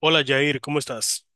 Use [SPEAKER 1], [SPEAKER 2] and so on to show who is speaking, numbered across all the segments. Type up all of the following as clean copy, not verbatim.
[SPEAKER 1] Hola Jair, ¿cómo estás?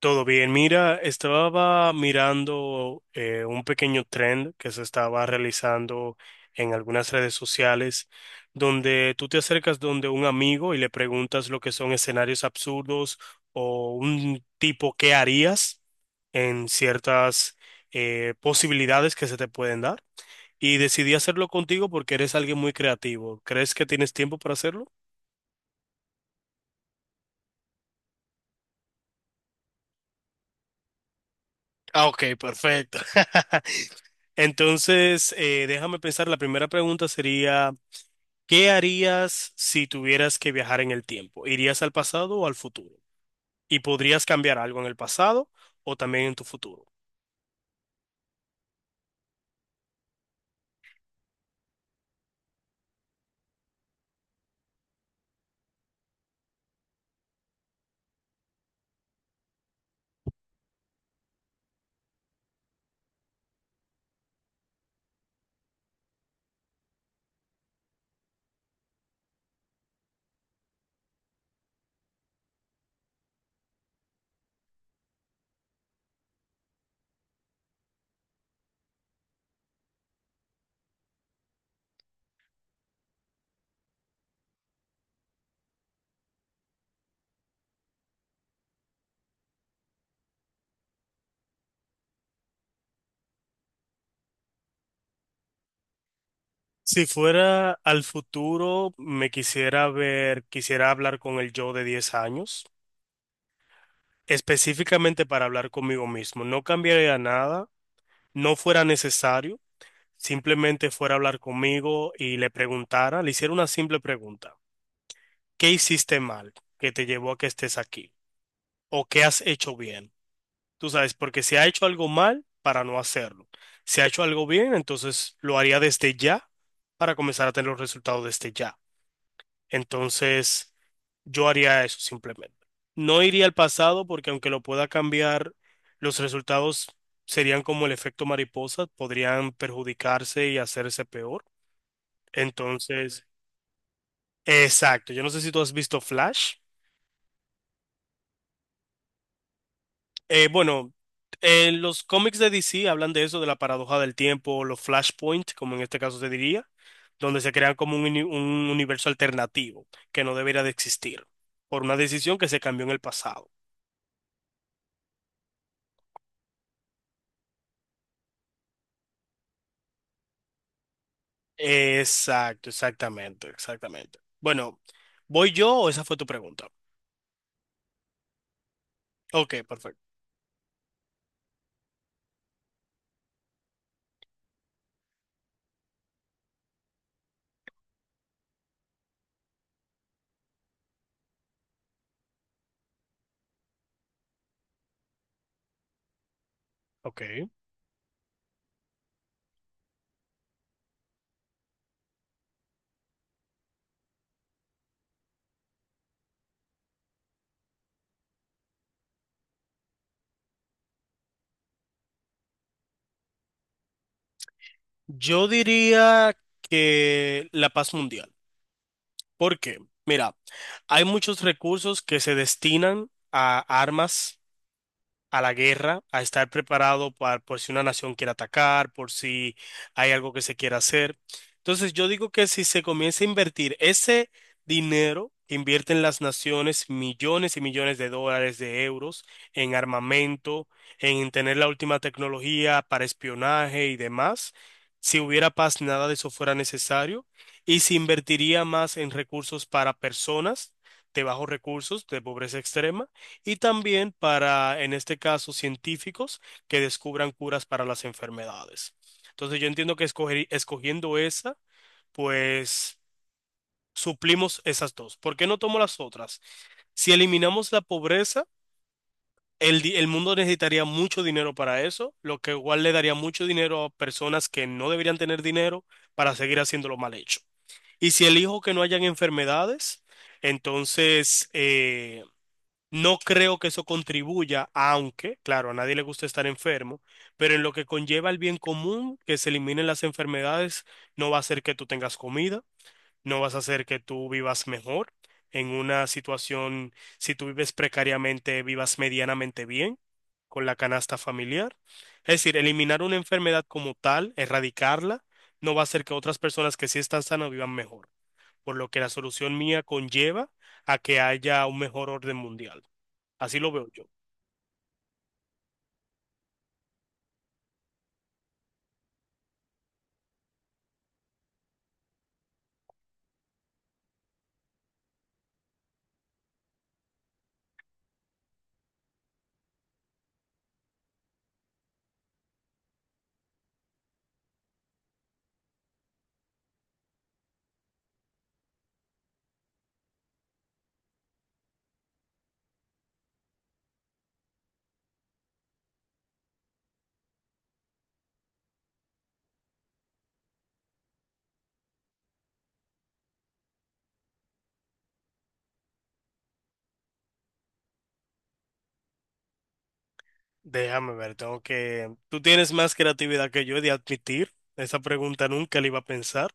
[SPEAKER 1] Todo bien. Mira, estaba mirando un pequeño trend que se estaba realizando en algunas redes sociales, donde tú te acercas donde un amigo y le preguntas lo que son escenarios absurdos o un tipo qué harías en ciertas posibilidades que se te pueden dar. Y decidí hacerlo contigo porque eres alguien muy creativo. ¿Crees que tienes tiempo para hacerlo? Ah, ok, perfecto. Entonces, déjame pensar, la primera pregunta sería, ¿qué harías si tuvieras que viajar en el tiempo? ¿Irías al pasado o al futuro? ¿Y podrías cambiar algo en el pasado o también en tu futuro? Si fuera al futuro, me quisiera ver, quisiera hablar con el yo de 10 años, específicamente para hablar conmigo mismo. No cambiaría nada, no fuera necesario, simplemente fuera a hablar conmigo y le preguntara, le hiciera una simple pregunta. ¿Qué hiciste mal que te llevó a que estés aquí? ¿O qué has hecho bien? Tú sabes, porque si ha hecho algo mal, para no hacerlo. Si ha hecho algo bien, entonces lo haría desde ya para comenzar a tener los resultados desde ya. Entonces, yo haría eso simplemente. No iría al pasado porque aunque lo pueda cambiar, los resultados serían como el efecto mariposa, podrían perjudicarse y hacerse peor. Entonces, exacto. Yo no sé si tú has visto Flash. Bueno, en los cómics de DC hablan de eso, de la paradoja del tiempo, los flashpoint, como en este caso se diría, donde se crean como un, un universo alternativo que no debería de existir por una decisión que se cambió en el pasado. Exacto, exactamente, exactamente. Bueno, ¿voy yo o esa fue tu pregunta? Ok, perfecto. Ok. Yo diría que la paz mundial. ¿Por qué? Mira, hay muchos recursos que se destinan a armas a la guerra, a estar preparado para, por si una nación quiere atacar, por si hay algo que se quiera hacer. Entonces, yo digo que si se comienza a invertir ese dinero que invierten las naciones, millones y millones de dólares, de euros, en armamento, en tener la última tecnología para espionaje y demás, si hubiera paz, nada de eso fuera necesario, y se invertiría más en recursos para personas de bajos recursos, de pobreza extrema y también para, en este caso, científicos que descubran curas para las enfermedades. Entonces yo entiendo que escogiendo esa, pues suplimos esas dos. ¿Por qué no tomo las otras? Si eliminamos la pobreza, el mundo necesitaría mucho dinero para eso, lo que igual le daría mucho dinero a personas que no deberían tener dinero para seguir haciéndolo mal hecho. Y si elijo que no hayan enfermedades, entonces, no creo que eso contribuya, aunque, claro, a nadie le gusta estar enfermo, pero en lo que conlleva el bien común, que se eliminen las enfermedades, no va a hacer que tú tengas comida, no vas a hacer que tú vivas mejor en una situación, si tú vives precariamente, vivas medianamente bien con la canasta familiar. Es decir, eliminar una enfermedad como tal, erradicarla, no va a hacer que otras personas que sí están sanas vivan mejor, por lo que la solución mía conlleva a que haya un mejor orden mundial. Así lo veo yo. Déjame ver, tengo que... Tú tienes más creatividad que yo he de admitir. Esa pregunta nunca la iba a pensar,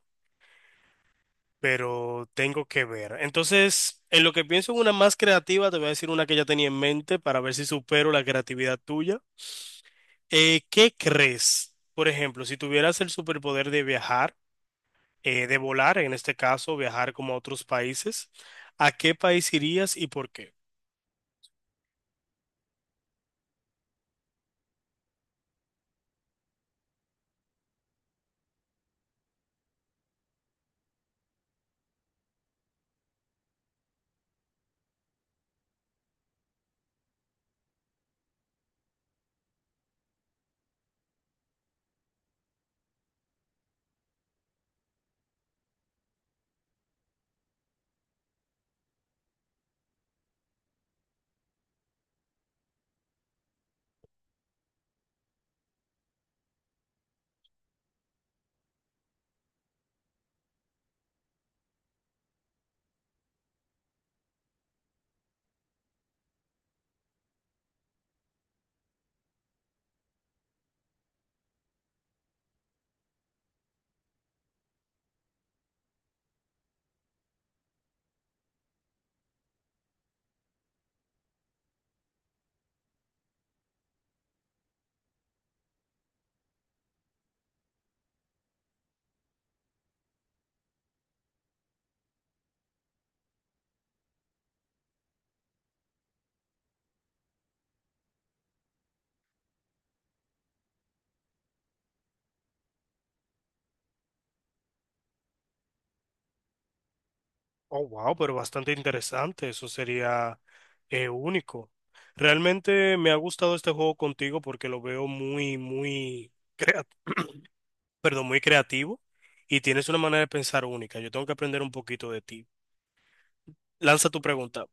[SPEAKER 1] pero tengo que ver. Entonces, en lo que pienso en una más creativa, te voy a decir una que ya tenía en mente para ver si supero la creatividad tuya. ¿Qué crees? Por ejemplo, si tuvieras el superpoder de viajar, de volar, en este caso, viajar como a otros países, ¿a qué país irías y por qué? Oh, wow, pero bastante interesante, eso sería único. Realmente me ha gustado este juego contigo porque lo veo muy, muy, crea- perdón, muy creativo y tienes una manera de pensar única. Yo tengo que aprender un poquito de ti. Lanza tu pregunta,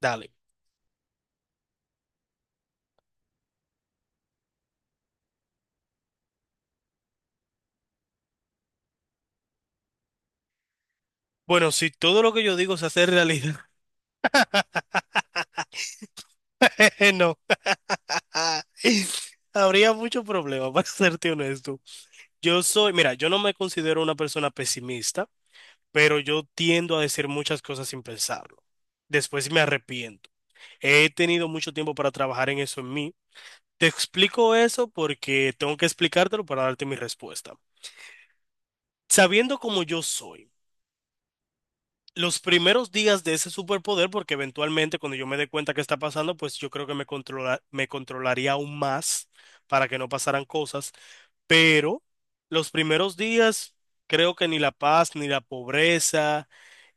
[SPEAKER 1] dale. Bueno, si todo lo que yo digo se hace realidad, no. Habría mucho problema, para serte honesto. Yo soy, mira, yo no me considero una persona pesimista, pero yo tiendo a decir muchas cosas sin pensarlo. Después me arrepiento. He tenido mucho tiempo para trabajar en eso en mí. Te explico eso porque tengo que explicártelo para darte mi respuesta. Sabiendo cómo yo soy. Los primeros días de ese superpoder, porque eventualmente cuando yo me dé cuenta qué está pasando, pues yo creo que me controlaría aún más para que no pasaran cosas. Pero los primeros días, creo que ni la paz, ni la pobreza,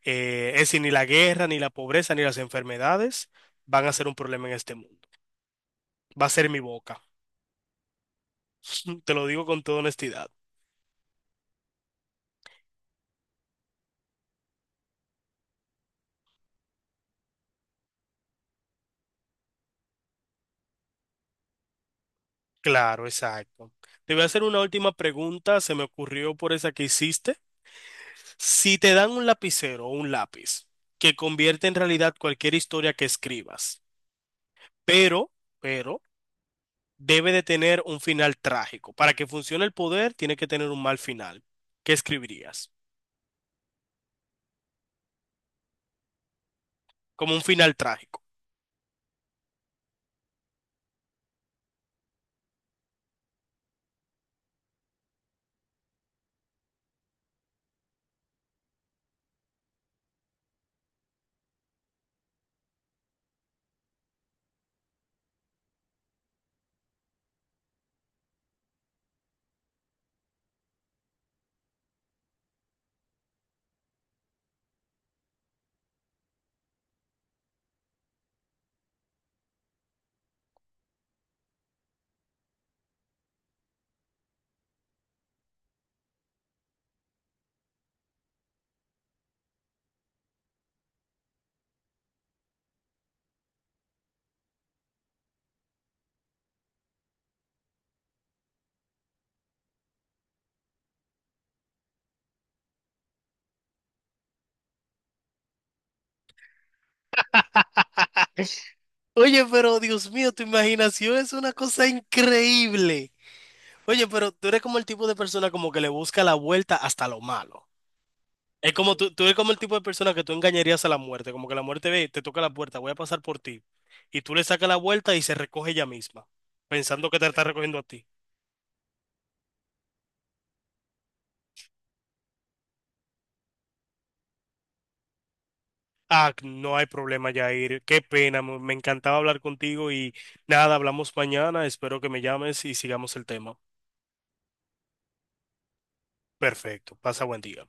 [SPEAKER 1] es decir, ni la guerra, ni la pobreza, ni las enfermedades van a ser un problema en este mundo. Va a ser mi boca. Te lo digo con toda honestidad. Claro, exacto. Te voy a hacer una última pregunta. Se me ocurrió por esa que hiciste. Si te dan un lapicero o un lápiz que convierte en realidad cualquier historia que escribas, pero, pero, debe de tener un final trágico. Para que funcione el poder, tiene que tener un mal final. ¿Qué escribirías? Como un final trágico. Oye, pero Dios mío, tu imaginación es una cosa increíble. Oye, pero tú eres como el tipo de persona como que le busca la vuelta hasta lo malo. Es como tú eres como el tipo de persona que tú engañarías a la muerte, como que la muerte ve, te toca la puerta, voy a pasar por ti. Y tú le sacas la vuelta y se recoge ella misma, pensando que te está recogiendo a ti. Ah, no hay problema, Jair. Qué pena, me encantaba hablar contigo y nada, hablamos mañana. Espero que me llames y sigamos el tema. Perfecto, pasa buen día.